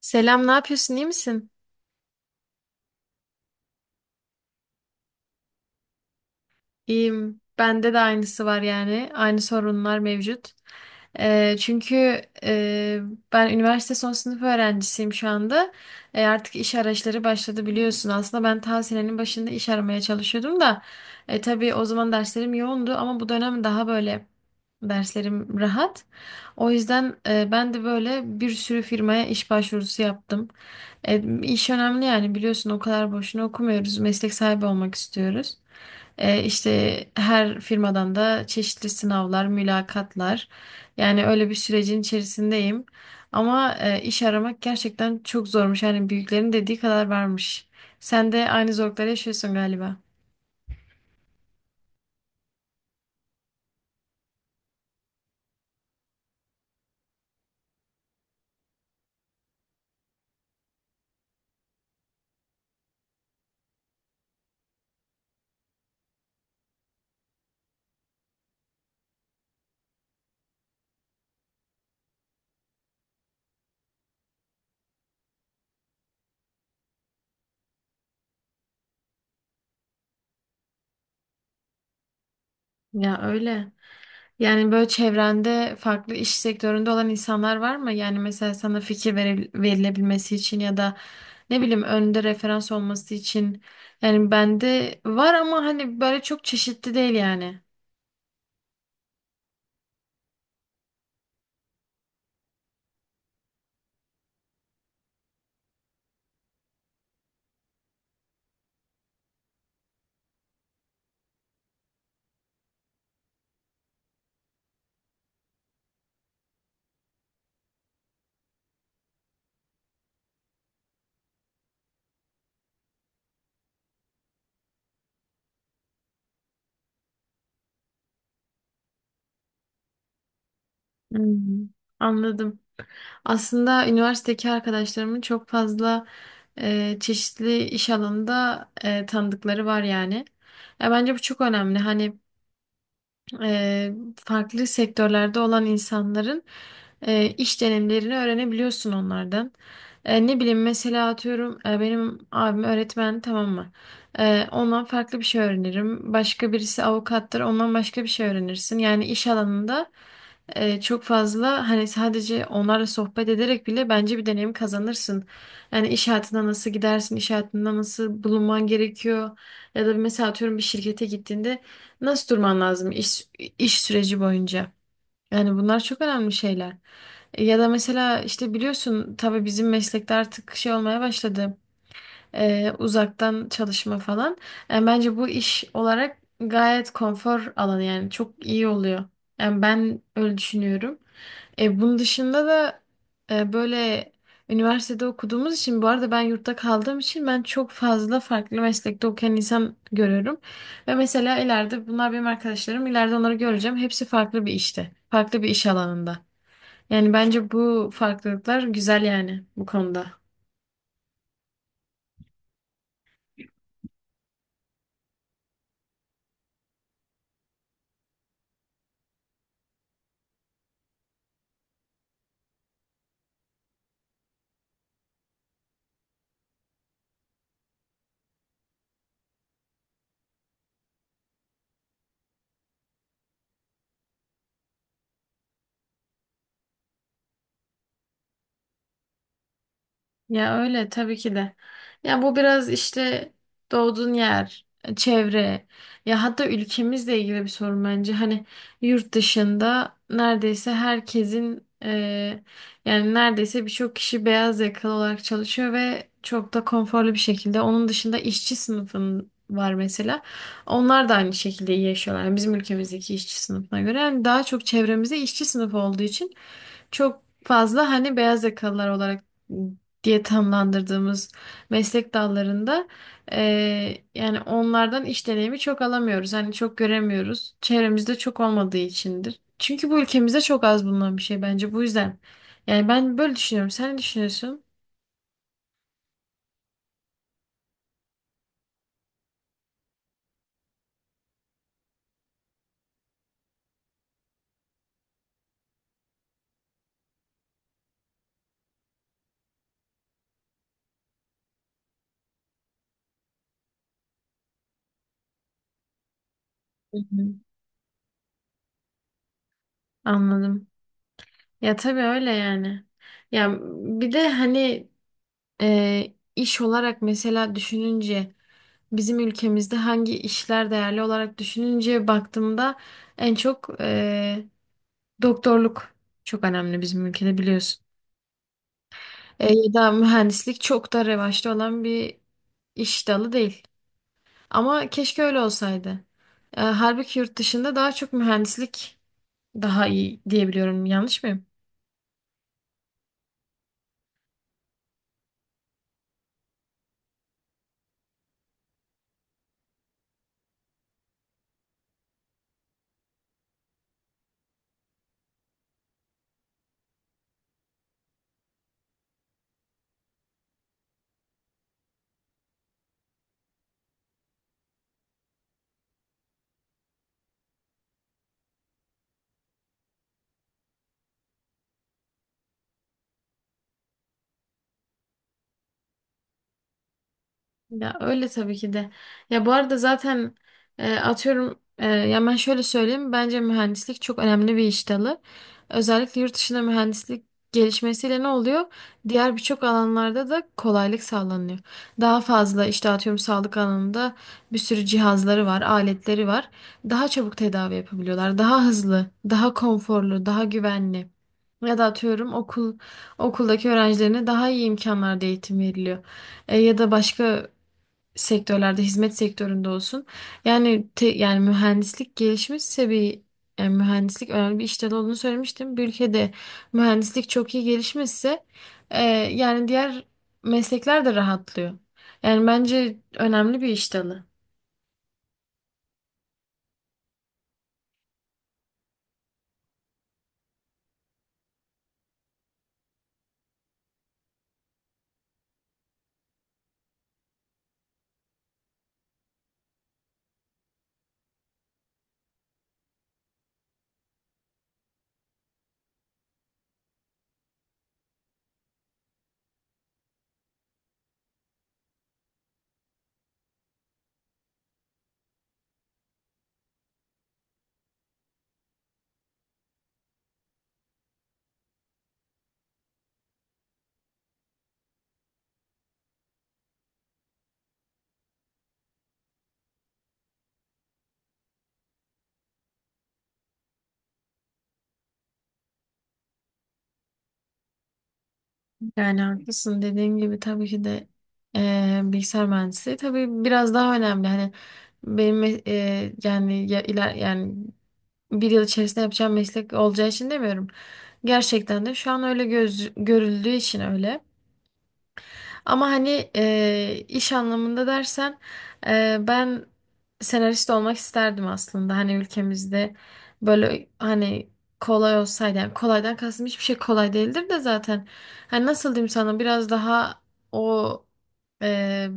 Selam, ne yapıyorsun? İyi misin? İyiyim. Bende de aynısı var yani. Aynı sorunlar mevcut. Ee, çünkü e, Ben üniversite son sınıf öğrencisiyim şu anda. Artık iş arayışları başladı biliyorsun. Aslında ben ta senenin başında iş aramaya çalışıyordum da. Tabii o zaman derslerim yoğundu ama bu dönem daha böyle derslerim rahat. O yüzden, ben de böyle bir sürü firmaya iş başvurusu yaptım. İş önemli yani biliyorsun o kadar boşuna okumuyoruz. Meslek sahibi olmak istiyoruz. İşte her firmadan da çeşitli sınavlar, mülakatlar. Yani öyle bir sürecin içerisindeyim. Ama iş aramak gerçekten çok zormuş. Yani büyüklerin dediği kadar varmış. Sen de aynı zorlukları yaşıyorsun galiba. Ya öyle. Yani böyle çevrende farklı iş sektöründe olan insanlar var mı? Yani mesela sana verilebilmesi için ya da ne bileyim önünde referans olması için. Yani bende var ama hani böyle çok çeşitli değil yani. Hmm, Anladım. Aslında üniversitedeki arkadaşlarımın çok fazla çeşitli iş alanında tanıdıkları var yani. Ya bence bu çok önemli. Hani farklı sektörlerde olan insanların iş deneyimlerini öğrenebiliyorsun onlardan. Ne bileyim mesela atıyorum, benim abim öğretmen tamam mı? Ondan farklı bir şey öğrenirim. Başka birisi avukattır ondan başka bir şey öğrenirsin. Yani iş alanında çok fazla hani sadece onlarla sohbet ederek bile bence bir deneyim kazanırsın. Yani iş hayatına nasıl gidersin, iş hayatında nasıl bulunman gerekiyor. Ya da mesela atıyorum bir şirkete gittiğinde nasıl durman lazım iş süreci boyunca? Yani bunlar çok önemli şeyler. Ya da mesela işte biliyorsun tabii bizim meslekte artık şey olmaya başladı. Uzaktan çalışma falan. Bence bu iş olarak gayet konfor alanı yani çok iyi oluyor. Yani ben öyle düşünüyorum. Bunun dışında da böyle, üniversitede okuduğumuz için bu arada ben yurtta kaldığım için ben çok fazla farklı meslekte okuyan insan görüyorum. Ve mesela ileride bunlar benim arkadaşlarım ileride onları göreceğim. Hepsi farklı bir işte. Farklı bir iş alanında. Yani bence bu farklılıklar güzel yani bu konuda. Ya öyle tabii ki de. Ya bu biraz işte doğduğun yer, çevre ya hatta ülkemizle ilgili bir sorun bence. Hani yurt dışında neredeyse herkesin, yani neredeyse birçok kişi beyaz yakalı olarak çalışıyor ve çok da konforlu bir şekilde. Onun dışında işçi sınıfın var mesela. Onlar da aynı şekilde iyi yaşıyorlar. Yani bizim ülkemizdeki işçi sınıfına göre. Yani daha çok çevremizde işçi sınıfı olduğu için çok fazla hani beyaz yakalılar olarak diye tamlandırdığımız meslek dallarında, yani onlardan iş deneyimi çok alamıyoruz. Hani çok göremiyoruz. Çevremizde çok olmadığı içindir. Çünkü bu ülkemizde çok az bulunan bir şey bence bu yüzden. Yani ben böyle düşünüyorum. Sen ne düşünüyorsun? Hı hı. Anladım. Ya tabii öyle yani. Ya bir de hani iş olarak mesela düşününce bizim ülkemizde hangi işler değerli olarak düşününce baktığımda en çok, doktorluk çok önemli bizim ülkede biliyorsun. Ya da mühendislik çok da revaçta olan bir iş dalı değil. Ama keşke öyle olsaydı. Halbuki yurt dışında daha çok mühendislik daha iyi diyebiliyorum. Yanlış mıyım? Ya öyle tabii ki de. Ya bu arada zaten, atıyorum, ya ben şöyle söyleyeyim. Bence mühendislik çok önemli bir iş dalı. Özellikle yurt dışında mühendislik gelişmesiyle ne oluyor? Diğer birçok alanlarda da kolaylık sağlanıyor. Daha fazla işte atıyorum sağlık alanında bir sürü cihazları var, aletleri var. Daha çabuk tedavi yapabiliyorlar. Daha hızlı, daha konforlu, daha güvenli. Ya da atıyorum okuldaki öğrencilerine daha iyi imkanlarda eğitim veriliyor. Ya da başka sektörlerde hizmet sektöründe olsun. Yani mühendislik gelişmişse bir yani mühendislik önemli bir iş dalı olduğunu söylemiştim. Bir ülkede mühendislik çok iyi gelişmişse e, yani diğer meslekler de rahatlıyor. Yani bence önemli bir iş dalı. Yani haklısın dediğin gibi tabii ki de, bilgisayar mühendisliği tabii biraz daha önemli. Hani benim, yani bir yıl içerisinde yapacağım meslek olacağı için demiyorum. Gerçekten de şu an öyle görüldüğü için öyle. Ama hani iş anlamında dersen, ben senarist olmak isterdim aslında. Hani ülkemizde böyle hani kolay olsaydı. Yani kolaydan kastım hiçbir şey kolay değildir de zaten. Hani nasıl diyeyim sana biraz daha o e,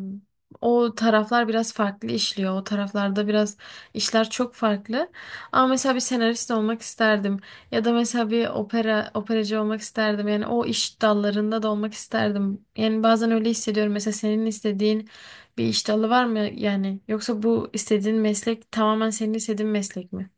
o taraflar biraz farklı işliyor. O taraflarda biraz işler çok farklı. Ama mesela bir senarist olmak isterdim. Ya da mesela bir operacı olmak isterdim. Yani o iş dallarında da olmak isterdim. Yani bazen öyle hissediyorum. Mesela senin istediğin bir iş dalı var mı yani? Yoksa bu istediğin meslek tamamen senin istediğin meslek mi?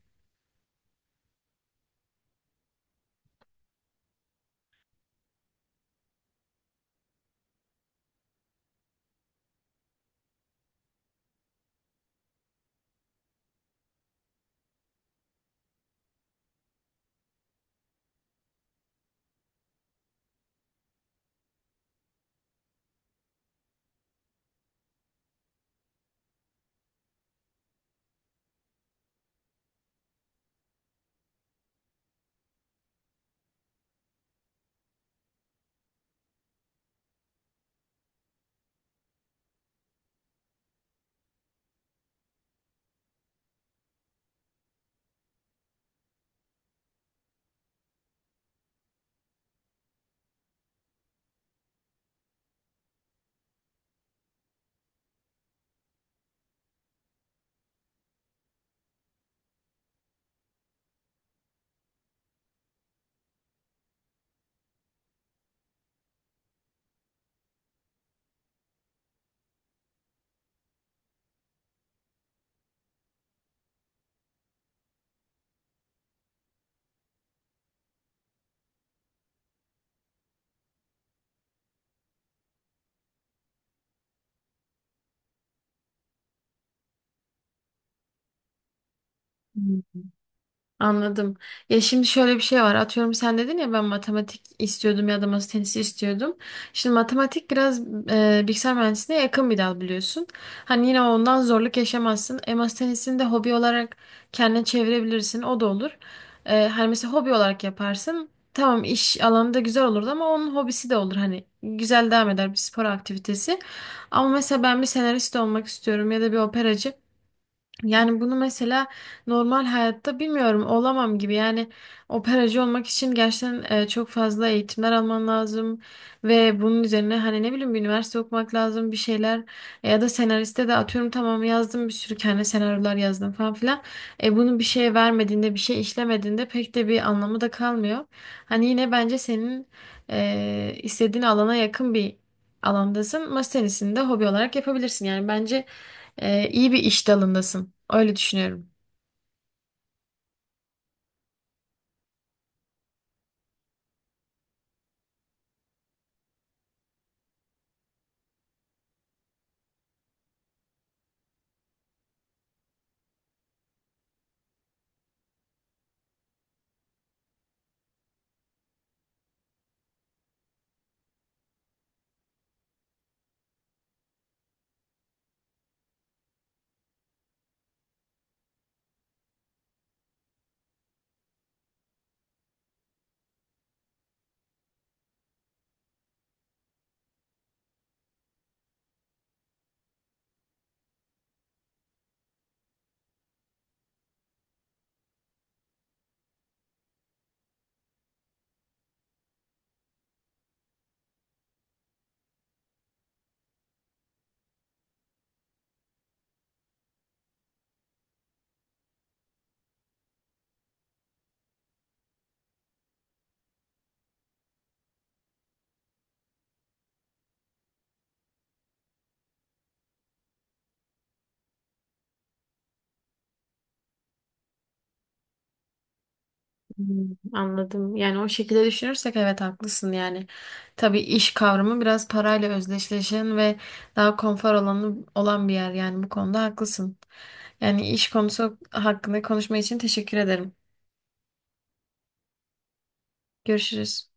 Anladım. Ya şimdi şöyle bir şey var. Atıyorum sen dedin ya ben matematik istiyordum ya da masa tenisi istiyordum. Şimdi matematik biraz, bilgisayar mühendisliğine yakın bir dal biliyorsun. Hani yine ondan zorluk yaşamazsın. E masa tenisini de hobi olarak kendine çevirebilirsin. O da olur. Hani mesela hobi olarak yaparsın. Tamam iş alanı da güzel olurdu ama onun hobisi de olur. Hani güzel devam eder bir spor aktivitesi. Ama mesela ben bir senarist olmak istiyorum ya da bir operacı. Yani bunu mesela normal hayatta bilmiyorum olamam gibi. Yani operacı olmak için gerçekten, çok fazla eğitimler alman lazım ve bunun üzerine hani ne bileyim bir üniversite okumak lazım bir şeyler ya da senariste de atıyorum tamam yazdım bir sürü kendi senaryolar yazdım falan filan. Bunu bir şeye vermediğinde bir şey işlemediğinde pek de bir anlamı da kalmıyor. Hani yine bence senin, istediğin alana yakın bir alandasın. Masa tenisini de hobi olarak yapabilirsin. Yani bence, iyi bir iş dalındasın. Öyle düşünüyorum. Hmm, Anladım. Yani o şekilde düşünürsek evet haklısın yani. Tabii iş kavramı biraz parayla özdeşleşen ve daha konfor alanı olan bir yer yani bu konuda haklısın. Yani iş konusu hakkında konuşma için teşekkür ederim. Görüşürüz.